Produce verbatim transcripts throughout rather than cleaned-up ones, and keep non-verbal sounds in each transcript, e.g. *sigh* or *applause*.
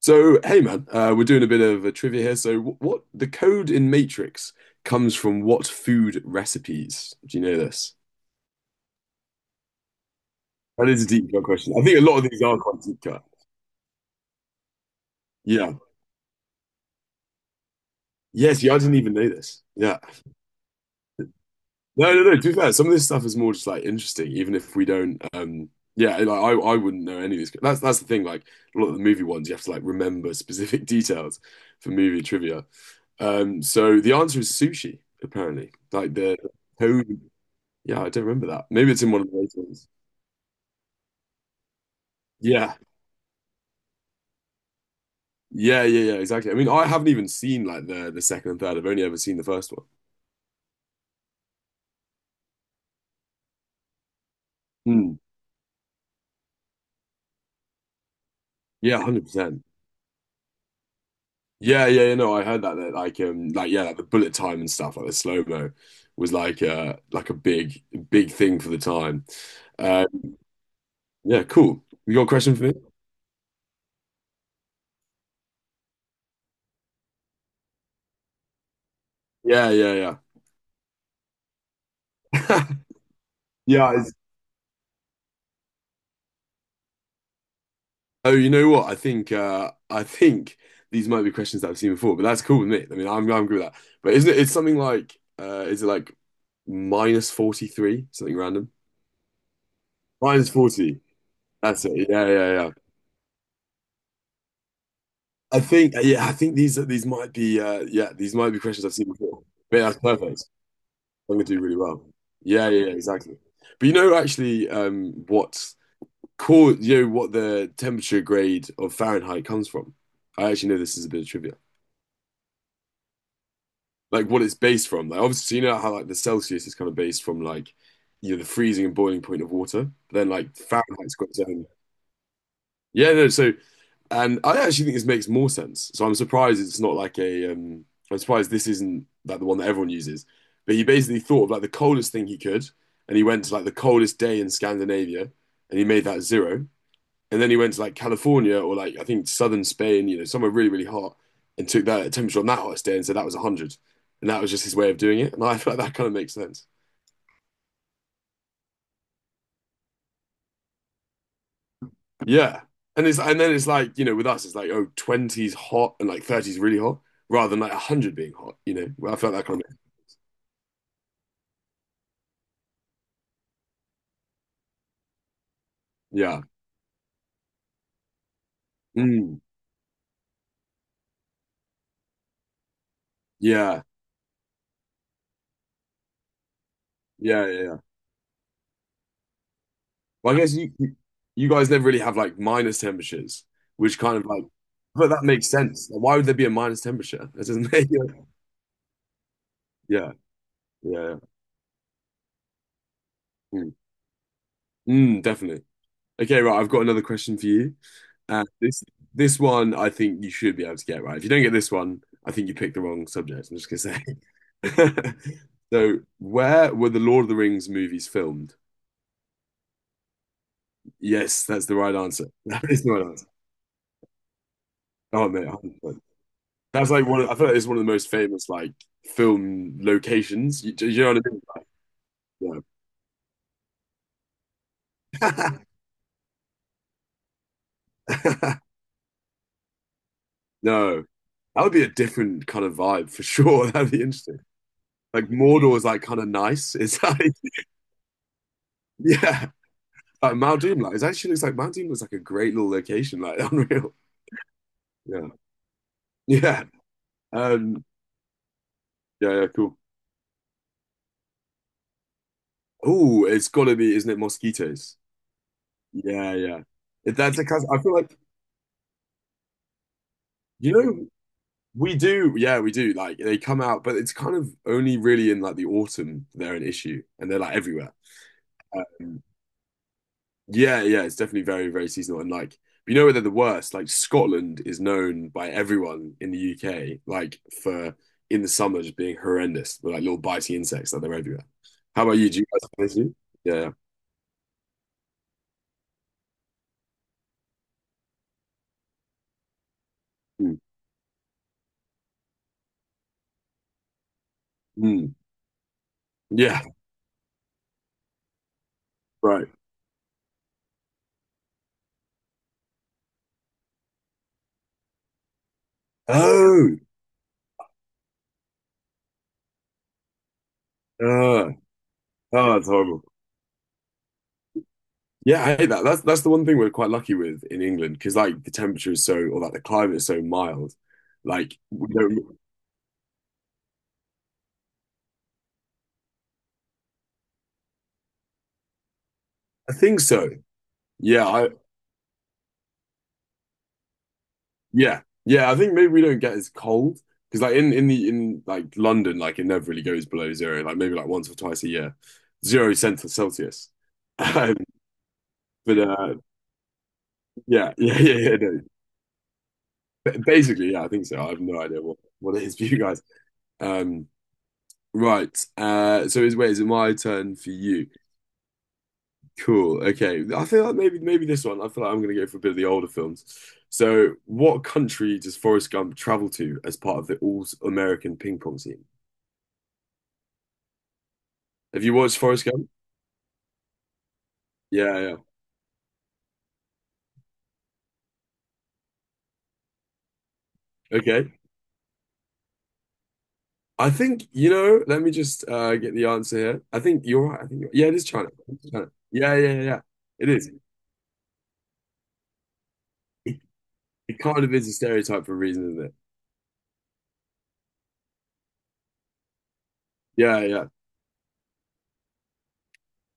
So, hey man, uh, we're doing a bit of a trivia here. So, what, what the code in Matrix comes from what food recipes? Do you know this? That is a deep cut question. I think a lot of these are quite deep cut. Yeah. Yes, yeah, I didn't even know this. Yeah. No, no, no. To be fair, some of this stuff is more just like interesting, even if we don't. Um, yeah, like I, I wouldn't know any of these. That's that's the thing. Like a lot of the movie ones, you have to like remember specific *laughs* details for movie trivia. Um, so the answer is sushi, apparently. Like the code. Yeah, I don't remember that. Maybe it's in one of the later ones. Yeah. Yeah, yeah, yeah, exactly. I mean, I haven't even seen like the the second and third. I've only ever seen the first one. Hmm. Yeah, one hundred percent. Yeah, yeah, yeah, no, I heard that that like um like yeah, like the bullet time and stuff, like the slow-mo was like uh like a big big thing for the time. Uh, yeah, cool. You got a question for me? Yeah, yeah, yeah. *laughs* Yeah, oh, you know what? I think uh I think these might be questions that I've seen before, but that's cool with me. I mean, I'm I'm good with that. But isn't it? It's something like uh is it like minus forty-three, something random? Minus forty. That's it. Yeah, yeah, yeah. I think uh, yeah, I think these these might be uh yeah, these might be questions I've seen before. But yeah, that's perfect. I'm gonna do really well. Yeah, yeah, yeah, exactly. But you know actually um what core you know what the temperature grade of Fahrenheit comes from? I actually know this is a bit of trivia. Like what it's based from. Like obviously, so you know how like the Celsius is kind of based from like you know the freezing and boiling point of water. But then like Fahrenheit's got its own. Yeah, no. So, and I actually think this makes more sense. So I'm surprised it's not like a. Um, I'm surprised this isn't like the one that everyone uses. But he basically thought of like the coldest thing he could, and he went to like the coldest day in Scandinavia, and he made that zero. And then he went to like California or like I think southern Spain, you know, somewhere really, really hot, and took that temperature on that hottest day and said that was one hundred. And that was just his way of doing it. And I *laughs* feel like that kind of makes sense. Yeah. And it's and then it's like, you know, with us, it's like, oh, twenties hot and like thirties really hot, rather than like one hundred being hot, you know. Well, I felt that kind of yeah. Mm, yeah. Yeah, yeah, yeah. Well, I guess you you you guys never really have like minus temperatures, which kind of like but that makes sense. Like, why would there be a minus temperature? That doesn't make *laughs* Yeah, yeah, yeah. Mm. Mm, definitely. Okay, right. I've got another question for you. Uh, this this one I think you should be able to get right. If you don't get this one, I think you picked the wrong subject. I'm just gonna say. *laughs* So, where were the Lord of the Rings movies filmed? Yes, that's the right answer. *laughs* That is the right answer. Oh man, one hundred percent. That's like one. Of, I feel like it's one of the most famous like film locations. You, do you know what I mean? No. *laughs* No, that would be a different kind of vibe for sure. *laughs* That'd be interesting. Like Mordor is like kind of nice. It's like *laughs* yeah, like Mount Doom. Like it actually looks like Mount Doom was like a great little location. Like *laughs* unreal. Yeah, yeah, um, yeah, yeah. Cool. Oh, it's gotta be, isn't it? Mosquitoes. Yeah, yeah. If that's a cousin, I feel like you know we do. Yeah, we do. Like they come out, but it's kind of only really in like the autumn they're an issue, and they're like everywhere. Um, Yeah, yeah, it's definitely very, very seasonal. And like, you know where they're the worst? Like Scotland is known by everyone in the U K, like for in the summer just being horrendous with like little biting insects that they're everywhere. How about you? Do you guys have this too? Yeah. Mm. Mm. Yeah. Right. Oh. Uh, oh, that's horrible. Yeah, I hate that. That's that's the one thing we're quite lucky with in England because like the temperature is so, or like the climate is so mild. Like we don't. I think so. Yeah, I, yeah, yeah. I think maybe we don't get as cold because, like, in in the in like London, like it never really goes below zero. Like maybe like once or twice a year, zero cent for Celsius. *laughs* Um, but uh, yeah, *laughs* yeah, yeah, yeah. No. Ba- Basically, yeah, I think so. I have no idea what what it is for you guys. Um, right. Uh, so is wait, is it my turn for you? Cool. Okay. I feel like maybe maybe this one. I feel like I'm gonna go for a bit of the older films. So, what country does Forrest Gump travel to as part of the All American Ping Pong team? Have you watched Forrest Gump? Yeah, yeah. Okay. I think, you know, let me just uh get the answer here. I think you're right. I think you're, yeah, it is China. It's China. Yeah, yeah, yeah, yeah. It is. It, it kind of is a stereotype for a reason, isn't it? Yeah, yeah.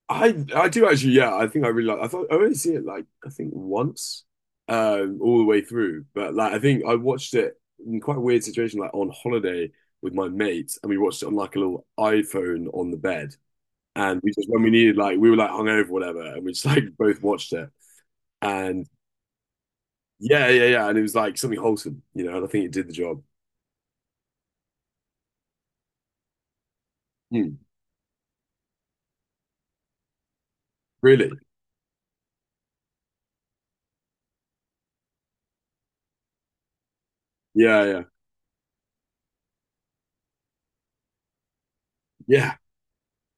I I do actually, yeah, I think I really like I thought I only see it like I think once um all the way through. But like I think I watched it in quite a weird situation, like on holiday with my mates, and we watched it on like a little iPhone on the bed. And we just when we needed like we were like hungover or whatever, and we just *laughs* like both watched it. And yeah, yeah, yeah. And it was like something wholesome, you know, and I think it did the job. Hmm. Really? Yeah, yeah. Yeah.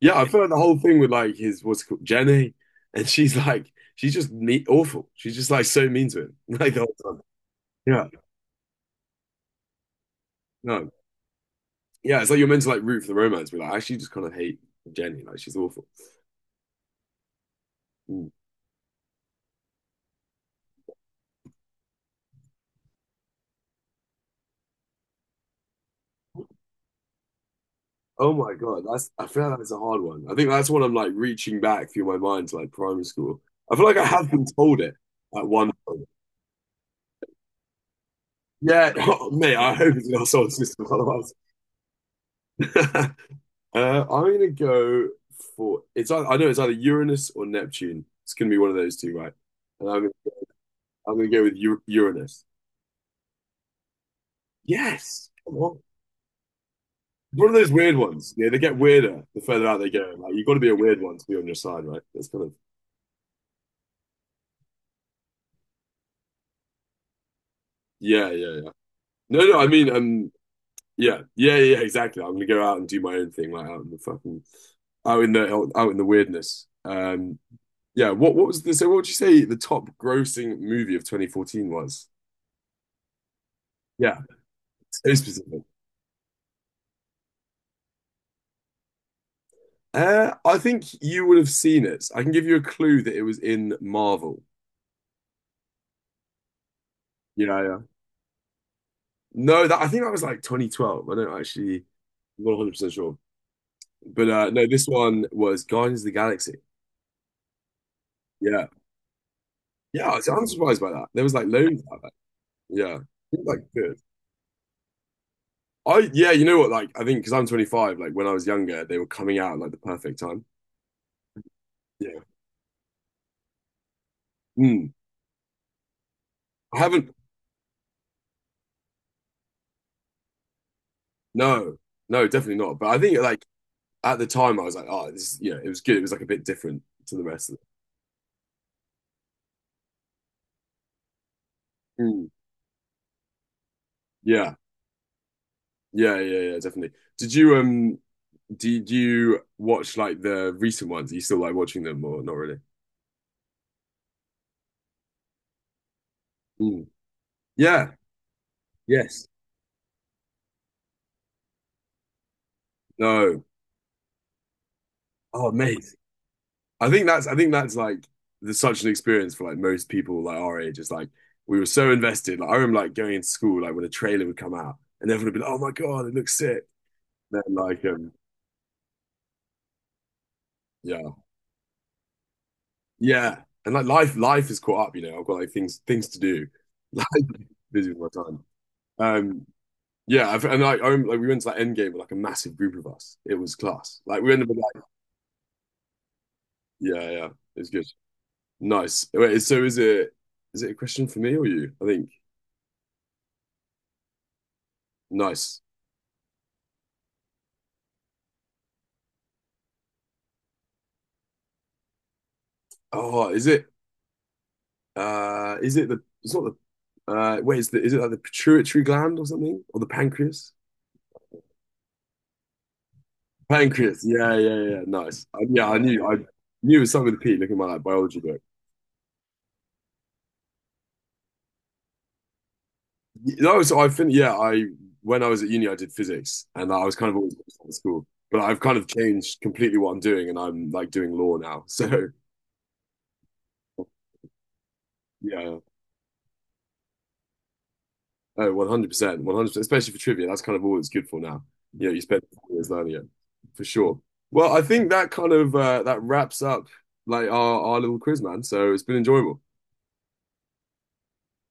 Yeah. I felt like the whole thing with like his what's it called Jenny, and she's like she's just neat awful. She's just like so mean to him, *laughs* like the whole time. Yeah. No. Yeah, it's like you're meant to like root for the romance, but like I actually just kind of hate Jenny. Like she's awful. Hmm. Oh my God, that's I feel like that's a hard one. I think that's when I'm like reaching back through my mind to like primary school. I feel like I have been told it at one point. Yeah, *laughs* oh, mate, I hope it's in our solar system, otherwise. *laughs* Uh, I'm gonna go for it's ei- I know it's either Uranus or Neptune. It's gonna be one of those two, right? And I'm I'm gonna go with U Uranus. Yes, come on. One of those weird ones. Yeah, they get weirder the further out they go. Like you've got to be a weird one to be on your side, right? That's kind of yeah, yeah, yeah. No, no, I mean, um, yeah, yeah, yeah, exactly. I'm gonna go out and do my own thing, like out in the fucking, out in the out, out in the weirdness. Um, yeah. What what was the so? What would you say the top grossing movie of twenty fourteen was? Yeah, so specific. Uh, I think you would have seen it. I can give you a clue that it was in Marvel. Yeah, yeah. No, that I think that was like twenty twelve. I don't actually one hundred percent sure, but uh, no, this one was Guardians of the Galaxy. Yeah, yeah. I was- I'm surprised by that. There was like loads. Like that. Yeah, seems like good. I yeah, you know what? Like I think because I'm twenty-five. Like when I was younger, they were coming out at, like the perfect time. Yeah. Mm. I haven't. No, no, definitely not. But I think like at the time, I was like, oh, this. Yeah, it was good. It was like a bit different to the rest of it. Mm. Yeah, yeah, yeah, yeah. Definitely. Did you um? Did you watch like the recent ones? Are you still like watching them or not really? Mm. Yeah. Yes. No. Oh, mate. I think that's I think that's like there's such an experience for like most people like our age. It's like we were so invested. Like I remember like going into school like when a trailer would come out and everyone would be like, "Oh my God, it looks sick." Then like um yeah, yeah, and like life life is caught up. You know I've got like things things to do. *laughs* Like busy with my time. Um yeah, I've, and like I remember like we went to like Endgame with like a massive group of us. It was class. Like we ended up like yeah, yeah, it was good, nice. Wait so is it is it a question for me or you? I think nice. Oh, is it? Uh, is it the? It's not the. Uh, wait, is the? Is it like the pituitary gland or something, or the pancreas? Pancreas. Yeah, yeah, yeah. Nice. Uh, yeah, I yeah, knew. I knew it was something with a P. Looking at my like biology book. Y- No, so I think yeah. I when I was at uni, I did physics, and I was kind of always at school. But I've kind of changed completely what I'm doing, and I'm like doing law now. *laughs* So yeah, oh, one hundred percent, one hundred percent, especially for trivia. That's kind of all it's good for now. You know, you spend four years learning it for sure. Well, I think that kind of uh, that wraps up like our, our little quiz, man. So it's been enjoyable.